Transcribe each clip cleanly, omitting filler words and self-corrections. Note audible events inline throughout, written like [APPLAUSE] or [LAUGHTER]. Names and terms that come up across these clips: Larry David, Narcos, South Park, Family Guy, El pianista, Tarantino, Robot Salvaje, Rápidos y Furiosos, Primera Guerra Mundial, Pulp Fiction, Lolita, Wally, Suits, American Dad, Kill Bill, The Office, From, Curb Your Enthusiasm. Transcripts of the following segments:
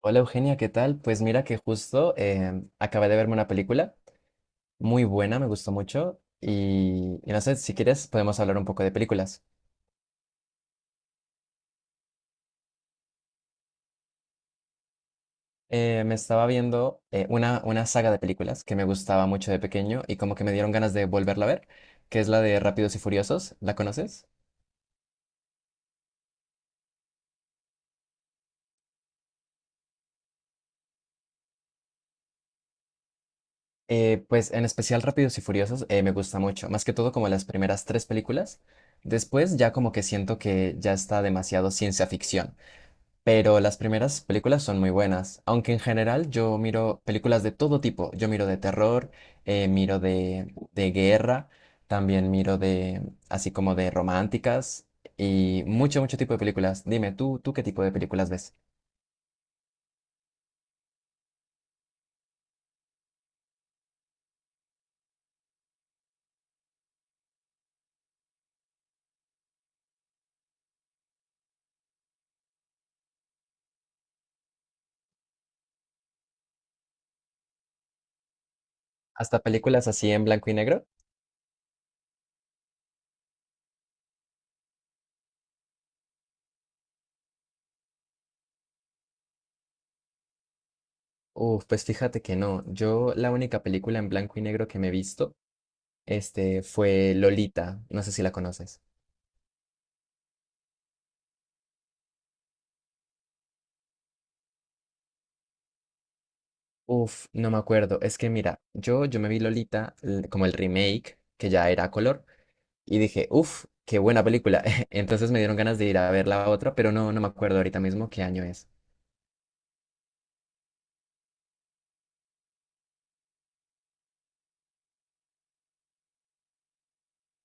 Hola Eugenia, ¿qué tal? Pues mira que justo acabé de verme una película muy buena, me gustó mucho y no sé, si quieres podemos hablar un poco de películas. Me estaba viendo una saga de películas que me gustaba mucho de pequeño y como que me dieron ganas de volverla a ver, que es la de Rápidos y Furiosos, ¿la conoces? Pues en especial Rápidos y Furiosos me gusta mucho, más que todo como las primeras tres películas. Después ya como que siento que ya está demasiado ciencia ficción. Pero las primeras películas son muy buenas, aunque en general yo miro películas de todo tipo. Yo miro de terror, miro de guerra, también miro de, así como de románticas y mucho, mucho tipo de películas. Dime, ¿tú qué tipo de películas ves? ¿Hasta películas así en blanco y negro? Uf, pues fíjate que no. Yo la única película en blanco y negro que me he visto, este, fue Lolita. No sé si la conoces. Uf, no me acuerdo. Es que mira, yo me vi Lolita como el remake, que ya era a color, y dije, uf, qué buena película. [LAUGHS] Entonces me dieron ganas de ir a ver la otra, pero no, no me acuerdo ahorita mismo qué año es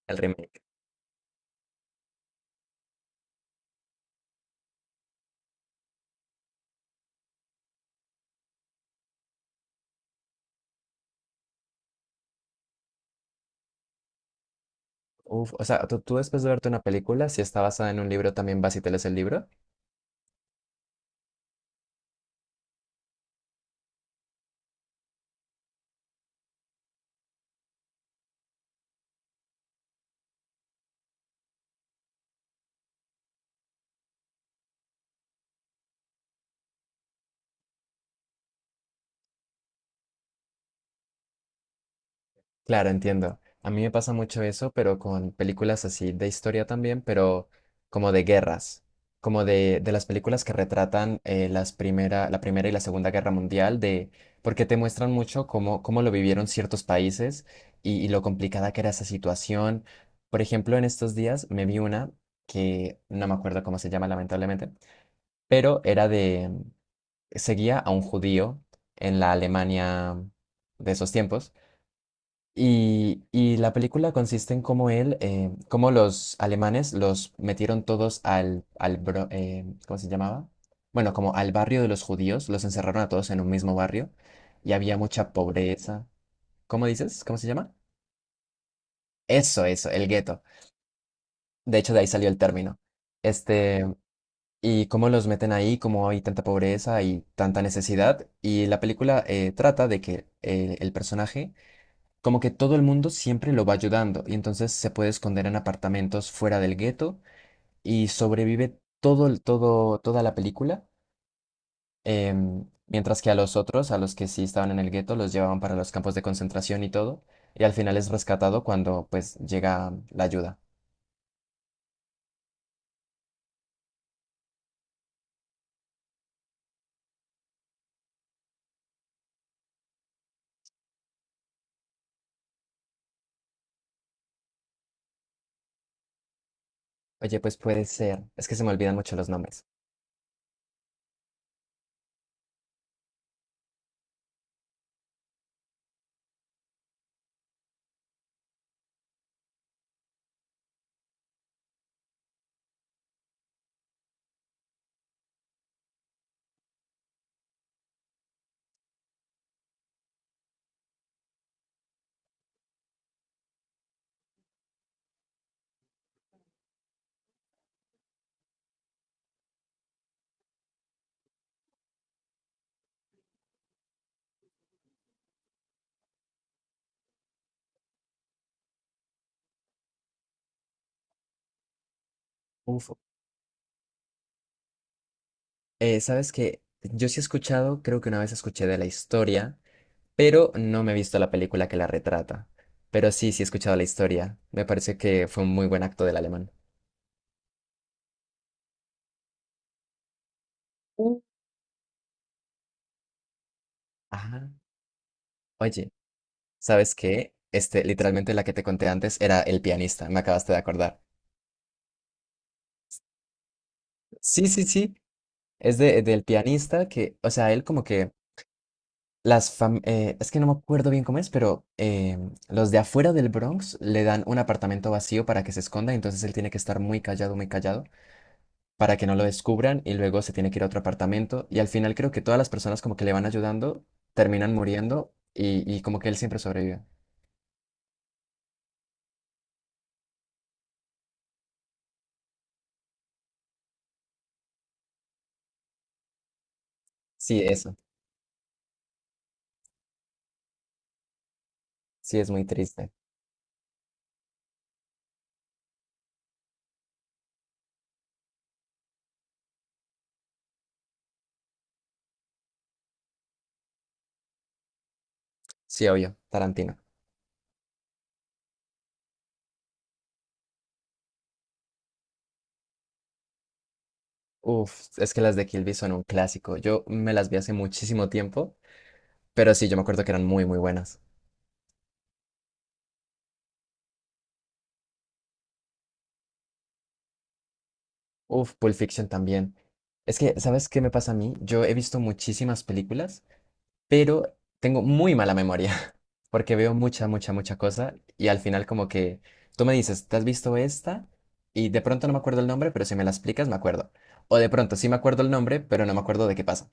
el remake. Uf, o sea, tú después de verte una película, si está basada en un libro, también vas y te lees el libro. Claro, entiendo. A mí me pasa mucho eso, pero con películas así de historia también, pero como de guerras, como de las películas que retratan las primera, la Primera y la Segunda Guerra Mundial, de, porque te muestran mucho cómo, cómo lo vivieron ciertos países y lo complicada que era esa situación. Por ejemplo, en estos días me vi una que no me acuerdo cómo se llama, lamentablemente, pero era de, seguía a un judío en la Alemania de esos tiempos y la película consiste en cómo él, cómo los alemanes los metieron todos al, al ¿cómo se llamaba? Bueno, como al barrio de los judíos, los encerraron a todos en un mismo barrio y había mucha pobreza. ¿Cómo dices? ¿Cómo se llama? Eso, el gueto. De hecho, de ahí salió el término. Este, y cómo los meten ahí, cómo hay tanta pobreza y tanta necesidad. Y la película trata de que el personaje, como que todo el mundo siempre lo va ayudando y entonces se puede esconder en apartamentos fuera del gueto y sobrevive toda la película, mientras que a los otros, a los que sí estaban en el gueto, los llevaban para los campos de concentración y todo, y al final es rescatado cuando pues llega la ayuda. Oye, pues puede ser, es que se me olvidan mucho los nombres. Uf. ¿Sabes qué? Yo sí he escuchado, creo que una vez escuché de la historia pero no me he visto la película que la retrata. Pero sí, sí he escuchado la historia. Me parece que fue un muy buen acto del alemán. Uh. Ajá. Oye, ¿sabes qué? Este, literalmente la que te conté antes era El pianista, me acabaste de acordar. Sí, sí, sí. Es de, del pianista que, o sea, él como que es que no me acuerdo bien cómo es, pero los de afuera del Bronx le dan un apartamento vacío para que se esconda, entonces él tiene que estar muy callado, muy callado, para que no lo descubran y luego se tiene que ir a otro apartamento. Y al final creo que todas las personas como que le van ayudando terminan muriendo y como que él siempre sobrevive. Sí, eso. Sí, es muy triste. Sí, obvio, Tarantino. Uf, es que las de Kill Bill son un clásico. Yo me las vi hace muchísimo tiempo, pero sí, yo me acuerdo que eran muy, muy buenas. Uf, Pulp Fiction también. Es que, ¿sabes qué me pasa a mí? Yo he visto muchísimas películas, pero tengo muy mala memoria, porque veo mucha, mucha, mucha cosa y al final como que tú me dices, ¿te has visto esta? Y de pronto no me acuerdo el nombre, pero si me la explicas me acuerdo. O de pronto sí me acuerdo el nombre, pero no me acuerdo de qué pasa.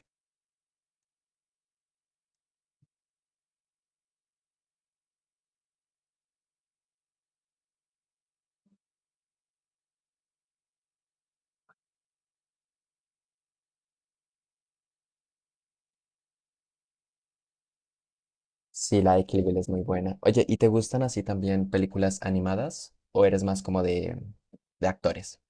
Sí, la de Kill Bill es muy buena. Oye, ¿y te gustan así también películas animadas o eres más como de actores?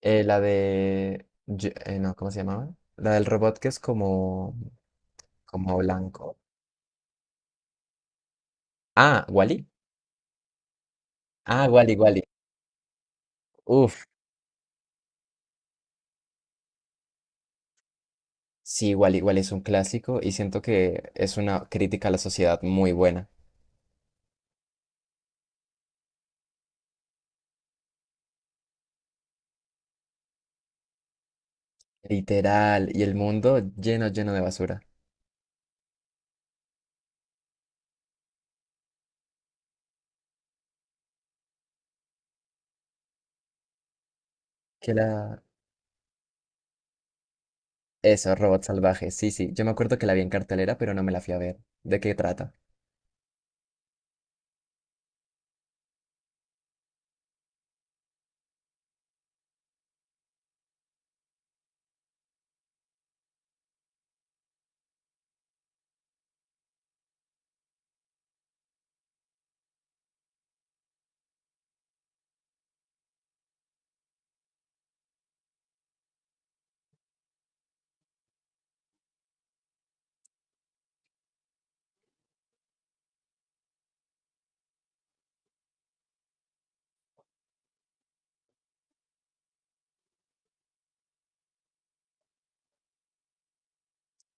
No, ¿cómo se llamaba? La del robot que es como, como blanco. Ah, Wally. Ah, Wally, Wally. Uf. Sí, igual, igual es un clásico y siento que es una crítica a la sociedad muy buena. Literal, y el mundo lleno, lleno de basura. Que la... Eso, Robot Salvaje, sí, sí. Yo me acuerdo que la vi en cartelera, pero no me la fui a ver. ¿De qué trata?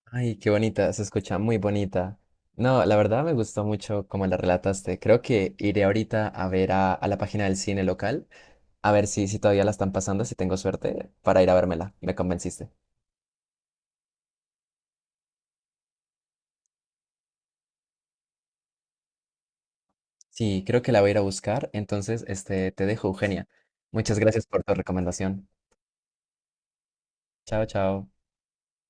Ay, qué bonita, se escucha muy bonita. No, la verdad me gustó mucho como la relataste. Creo que iré ahorita a ver a la página del cine local, a ver si, si todavía la están pasando, si tengo suerte, para ir a vérmela. Me convenciste. Sí, creo que la voy a ir a buscar. Entonces, este, te dejo, Eugenia. Muchas gracias por tu recomendación. Chao, chao.